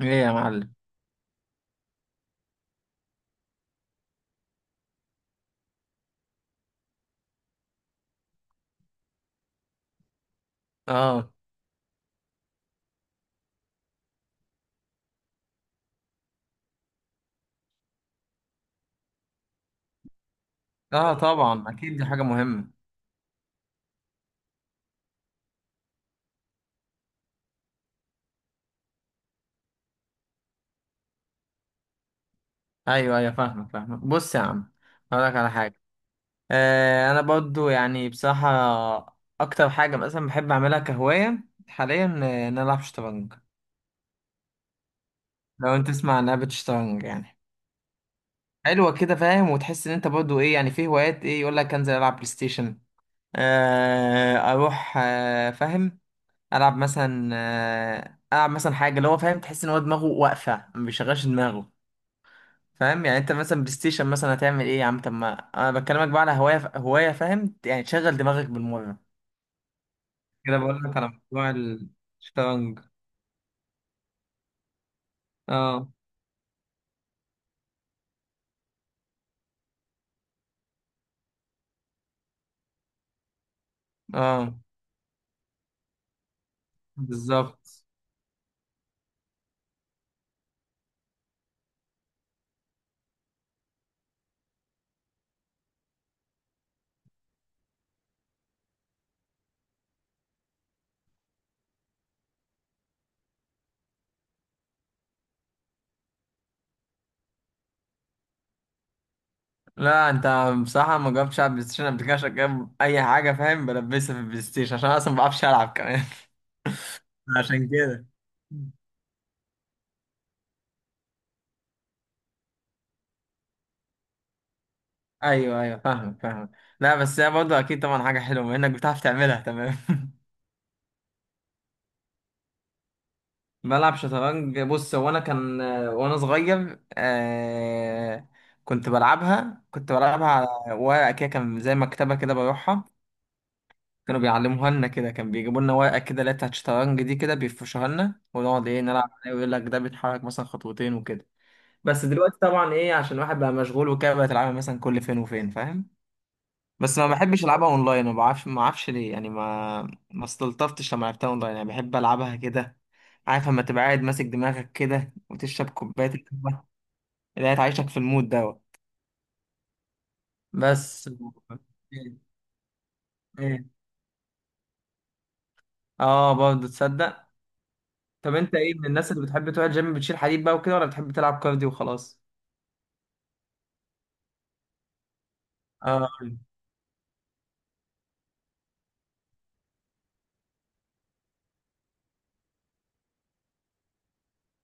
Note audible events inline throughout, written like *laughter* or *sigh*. ايه يا معلم. اه، اه، طبعا اكيد دي حاجه مهمه. ايوه، ايوه، فاهمك فاهمك، بص يا عم. هقول لك على حاجه. انا برضو يعني بصراحه اكتر حاجه مثلا بحب اعملها كهوايه حاليا، ان انا العب شطرنج. لو انت تسمع عن لعبه شطرنج يعني، حلوه كده فاهم، وتحس ان انت برضو ايه، يعني في هوايات، ايه يقول لك انزل العب بلاي ستيشن. اروح، فاهم، العب مثلا العب مثلا حاجه اللي هو فاهم، تحس ان هو دماغه واقفه ما بيشغلش دماغه. فاهم يعني انت مثلا بلاي ستيشن مثلا هتعمل ايه يا عم؟ طب ما انا بكلمك بقى على هوايه، هوايه فاهم يعني تشغل دماغك بالمره. كده بقول لك على موضوع. الشطرنج. اه، اه، بالظبط. لا انت، بصراحه ما جربتش العب بلاي ستيشن قبل كده، عشان كده اي حاجه فاهم بلبسها في البلاي ستيشن، عشان انا اصلا ما بعرفش العب كمان. *laughs* عشان كده. ايوه، ايوه، فاهم فاهم. لا بس هي برضه اكيد طبعا حاجه حلوه بما انك بتعرف تعملها، تمام. *laughs* بلعب شطرنج، بص هو انا كان، وانا صغير، كنت بلعبها على ورقه كده، كان زي مكتبه كده بروحها. كانوا بيعلموها لنا كده، كان بيجيبوا لنا ورقه كده اللي هي بتاعت الشطرنج دي، كده بيفرشوها لنا ونقعد ايه نلعب عليها، ويقول لك ده بيتحرك مثلا خطوتين وكده. بس دلوقتي طبعا ايه، عشان الواحد بقى مشغول وكده، بقت العبها مثلا كل فين وفين فاهم. بس ما بحبش العبها اونلاين، ما اعرفش ليه يعني، ما، ما استلطفتش لما لعبتها اونلاين، يعني بحب العبها كده، عارف، لما تبقى قاعد ماسك دماغك كده وتشرب كوبايه القهوه اللي هي تعيشك في المود دوت. بس. ايه. ايه، اه، برضه تصدق. طب انت ايه، من الناس اللي بتحب تروح الجيم بتشيل حديد بقى وكده، ولا بتحب تلعب كارديو وخلاص؟ اه،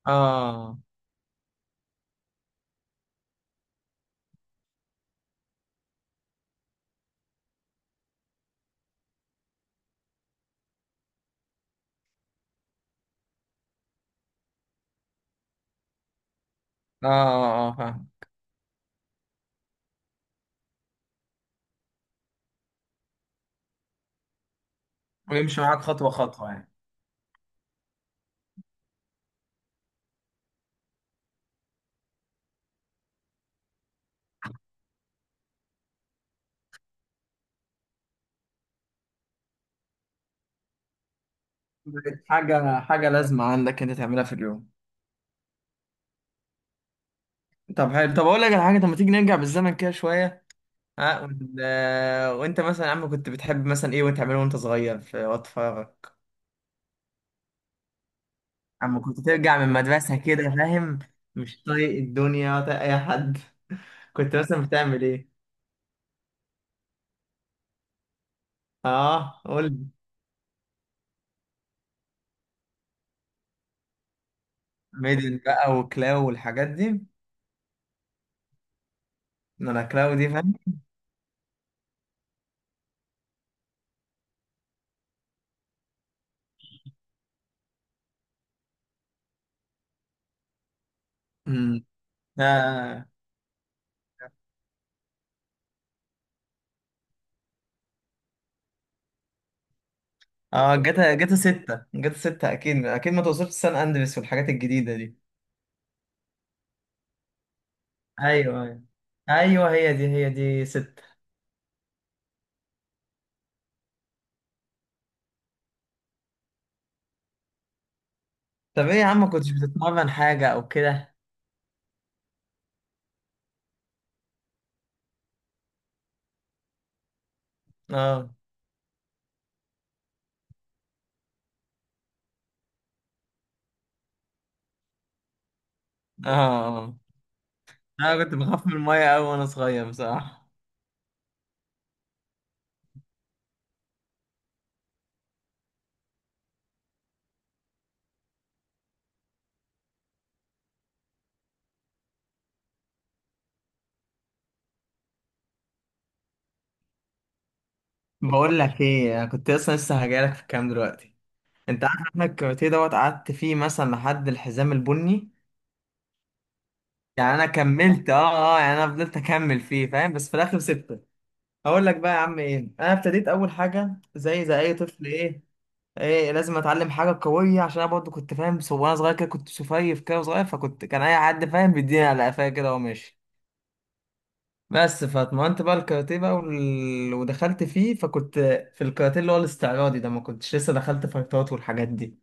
اه، اه، اه، فاهم، ويمشي معاك خطوه خطوه يعني. بقت حاجه لازمه عندك انت تعملها في اليوم. طب حلو، طب اقول لك على حاجه، طب ما تيجي نرجع بالزمن كده شويه. ها، وانت مثلا يا عم كنت بتحب مثلا ايه وانت تعمله وانت صغير في وقت فراغك؟ عم كنت ترجع من المدرسة كده فاهم، مش طايق الدنيا ولا طايق اي حد، كنت مثلا بتعمل ايه؟ اه، قول لي. ميدل بقى وكلاو والحاجات دي. إن انا كلاو دي فاهم. امم. اه، اه، جاتا 6 جاتا 6، اكيد اكيد، ما توصلش سان اندريس والحاجات الجديدة دي. ايوه، ايوه. ايوه، هي دي 6. طب ايه يا عم، كنتش بتتمرن حاجة او كده؟ اه، اه، آه. انا كنت بخاف من الميه قوي وانا صغير بصراحه. بقول لك ايه، انا كنت اصلا لسه هجيلك في الكلام دلوقتي. انت عارف احنا الكاراتيه دوت قعدت فيه مثلا لحد الحزام البني. يعني انا كملت، يعني انا فضلت اكمل فيه فاهم، بس في الاخر سبته. هقول لك بقى يا عم ايه، انا ابتديت اول حاجه زي اي طفل، ايه، ايه لازم اتعلم حاجه قويه، عشان انا برضه كنت فاهم، وانا صغير كده كنت سفيف كده وصغير، فكنت، كان اي حد فاهم بيديني على قفايا كده وماشي. بس فاتمرنت بقى الكاراتيه بقى، ودخلت فيه فكنت، في الكاراتيه اللي هو الاستعراضي ده، ما كنتش لسه دخلت فايتات والحاجات دي.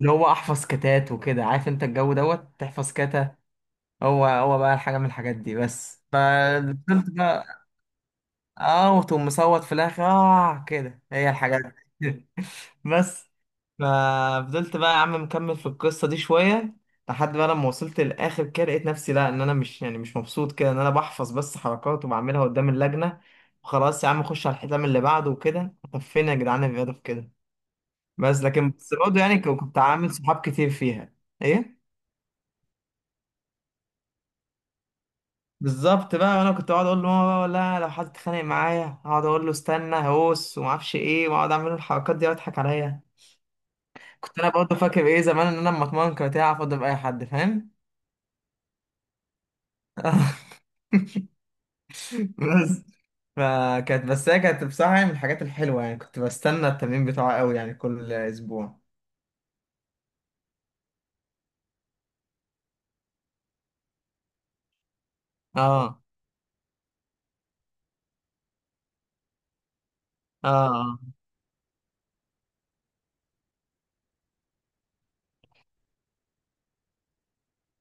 اللي هو احفظ كتات وكده، عارف انت الجو دوت تحفظ كاتا. هو بقى حاجه من الحاجات دي، بس فدخلت بقى. اه، وتقوم مصوت في الاخر، اه كده هي الحاجات دي. *laughs* بس. ففضلت بقى يا عم مكمل في القصه دي شويه، لحد بقى لما وصلت للاخر كده لقيت نفسي، لا ان انا مش يعني مش مبسوط كده ان انا بحفظ بس حركات وبعملها قدام اللجنه، وخلاص يا عم خش على الحزام اللي بعده وكده، طب فين يا جدعان الرياضه في كده؟ بس لكن، بس برضه يعني كنت عامل صحاب كتير فيها. ايه. بالظبط بقى، انا كنت اقعد اقول له "آه، آه، آه، لا، لو حد اتخانق معايا اقعد اقول له استنى، هوس وما اعرفش ايه، واقعد اعمل له الحركات دي واضحك عليا. كنت انا برضه فاكر ايه زمان ان انا لما اتمرن كاراتيه اعرف اضرب اي حد فاهم. *laughs* بس. فكانت، بس هي كانت بصراحه يعني من الحاجات الحلوه، يعني كنت بستنى التمرين بتاعه قوي يعني كل اسبوع. اه، اه،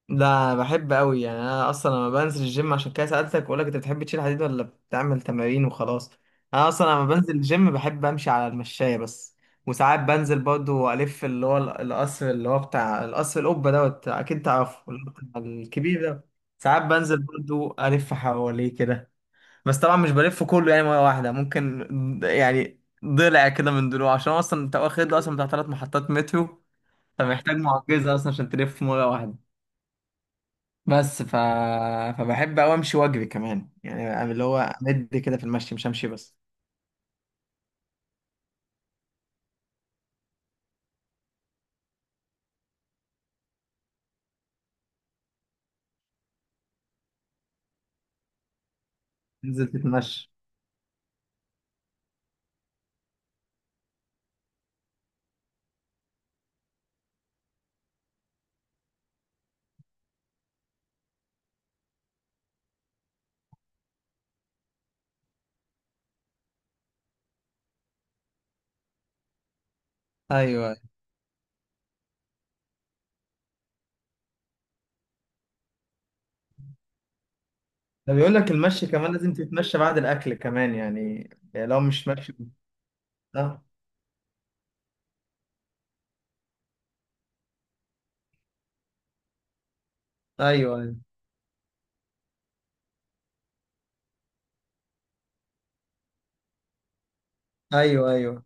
ده بحب قوي يعني، انا اصلا لما بنزل الجيم عشان كده سالتك بقول لك انت بتحب تشيل حديد ولا بتعمل تمارين وخلاص. انا اصلا لما بنزل الجيم بحب امشي على المشايه بس. وساعات بنزل برضو الف، اللي هو القصر اللي هو بتاع القصر القبه دوت اكيد تعرفه، اللي هو بتاع الكبير ده. ساعات بنزل برضو الف حواليه كده. بس طبعا مش بلف كله يعني، مره واحده ممكن، يعني ضلع كده من ضلوع، عشان اصلا انت واخد له اصلا بتاع 3 محطات مترو. فمحتاج معجزه اصلا عشان تلف مره واحده. بس ف... فبحب أوي أمشي وأجري كمان، يعني اللي هو أمد كده في المشي مش أمشي بس. تنزل تتمشى. أيوه. ده بيقول لك المشي كمان لازم تتمشى بعد الأكل كمان يعني. يعني لو مش ماشي. أه. أيوه، أيوه، أيوه، أيوه.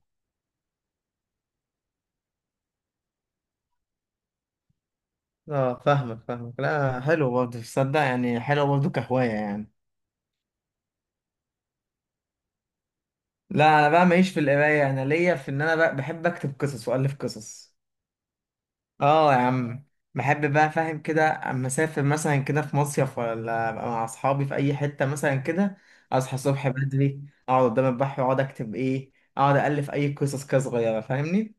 أه، فاهمك فاهمك. لا حلو برضه تصدق، يعني حلو برضه كهواية يعني. لا أنا بقى ماليش في القراية، أنا ليا في إن أنا بقى بحب أكتب قصص وألف قصص. اه يا عم. بحب بقى فاهم كده، اما اسافر مثلا كده في مصيف، ولا ابقى مع اصحابي في اي حته مثلا كده، اصحى الصبح بدري، اقعد قدام البحر واقعد اكتب ايه، اقعد الف اي قصص كده صغيره فاهمني.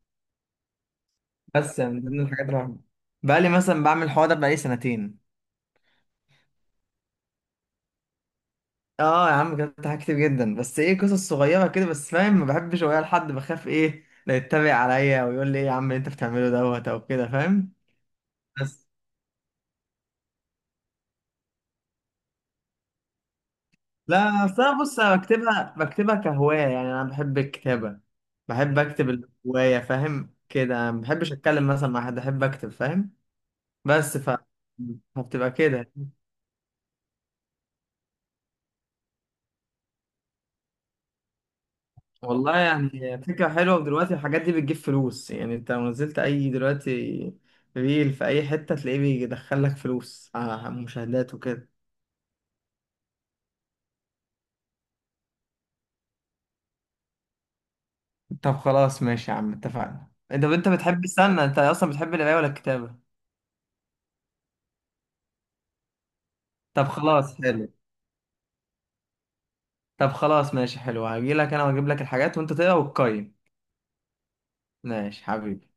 بس من ضمن الحاجات اللي بقى لي مثلا بعمل الحوار ده، بقى لي سنتين. اه يا عم، كتبت حاجات كتير جدا، بس ايه قصص صغيره كده بس فاهم، ما بحبش اقولها لحد، بخاف ايه، لا يتبع عليا ويقول لي ايه يا عم اللي انت بتعمله دوت او كده فاهم. بس لا أصل أنا، بص أنا بكتبها كهواية، يعني أنا بحب الكتابة، بحب أكتب. الهواية فاهم كده، أنا ما بحبش أتكلم مثلا مع حد، أحب أكتب فاهم. بس فبتبقى كده. والله يعني فكرة حلوة، ودلوقتي الحاجات دي بتجيب فلوس، يعني أنت لو نزلت أي دلوقتي ريل في أي حتة تلاقيه بيدخلك فلوس على مشاهدات وكده. طب خلاص ماشي يا عم اتفقنا. أنت بتحب، استنى، أنت أصلا بتحب القراية ولا الكتابة؟ طب خلاص حلو، طب خلاص ماشي حلو، هجيلك انا واجيب لك الحاجات وانت تقرا وتقيم. ماشي حبيبي.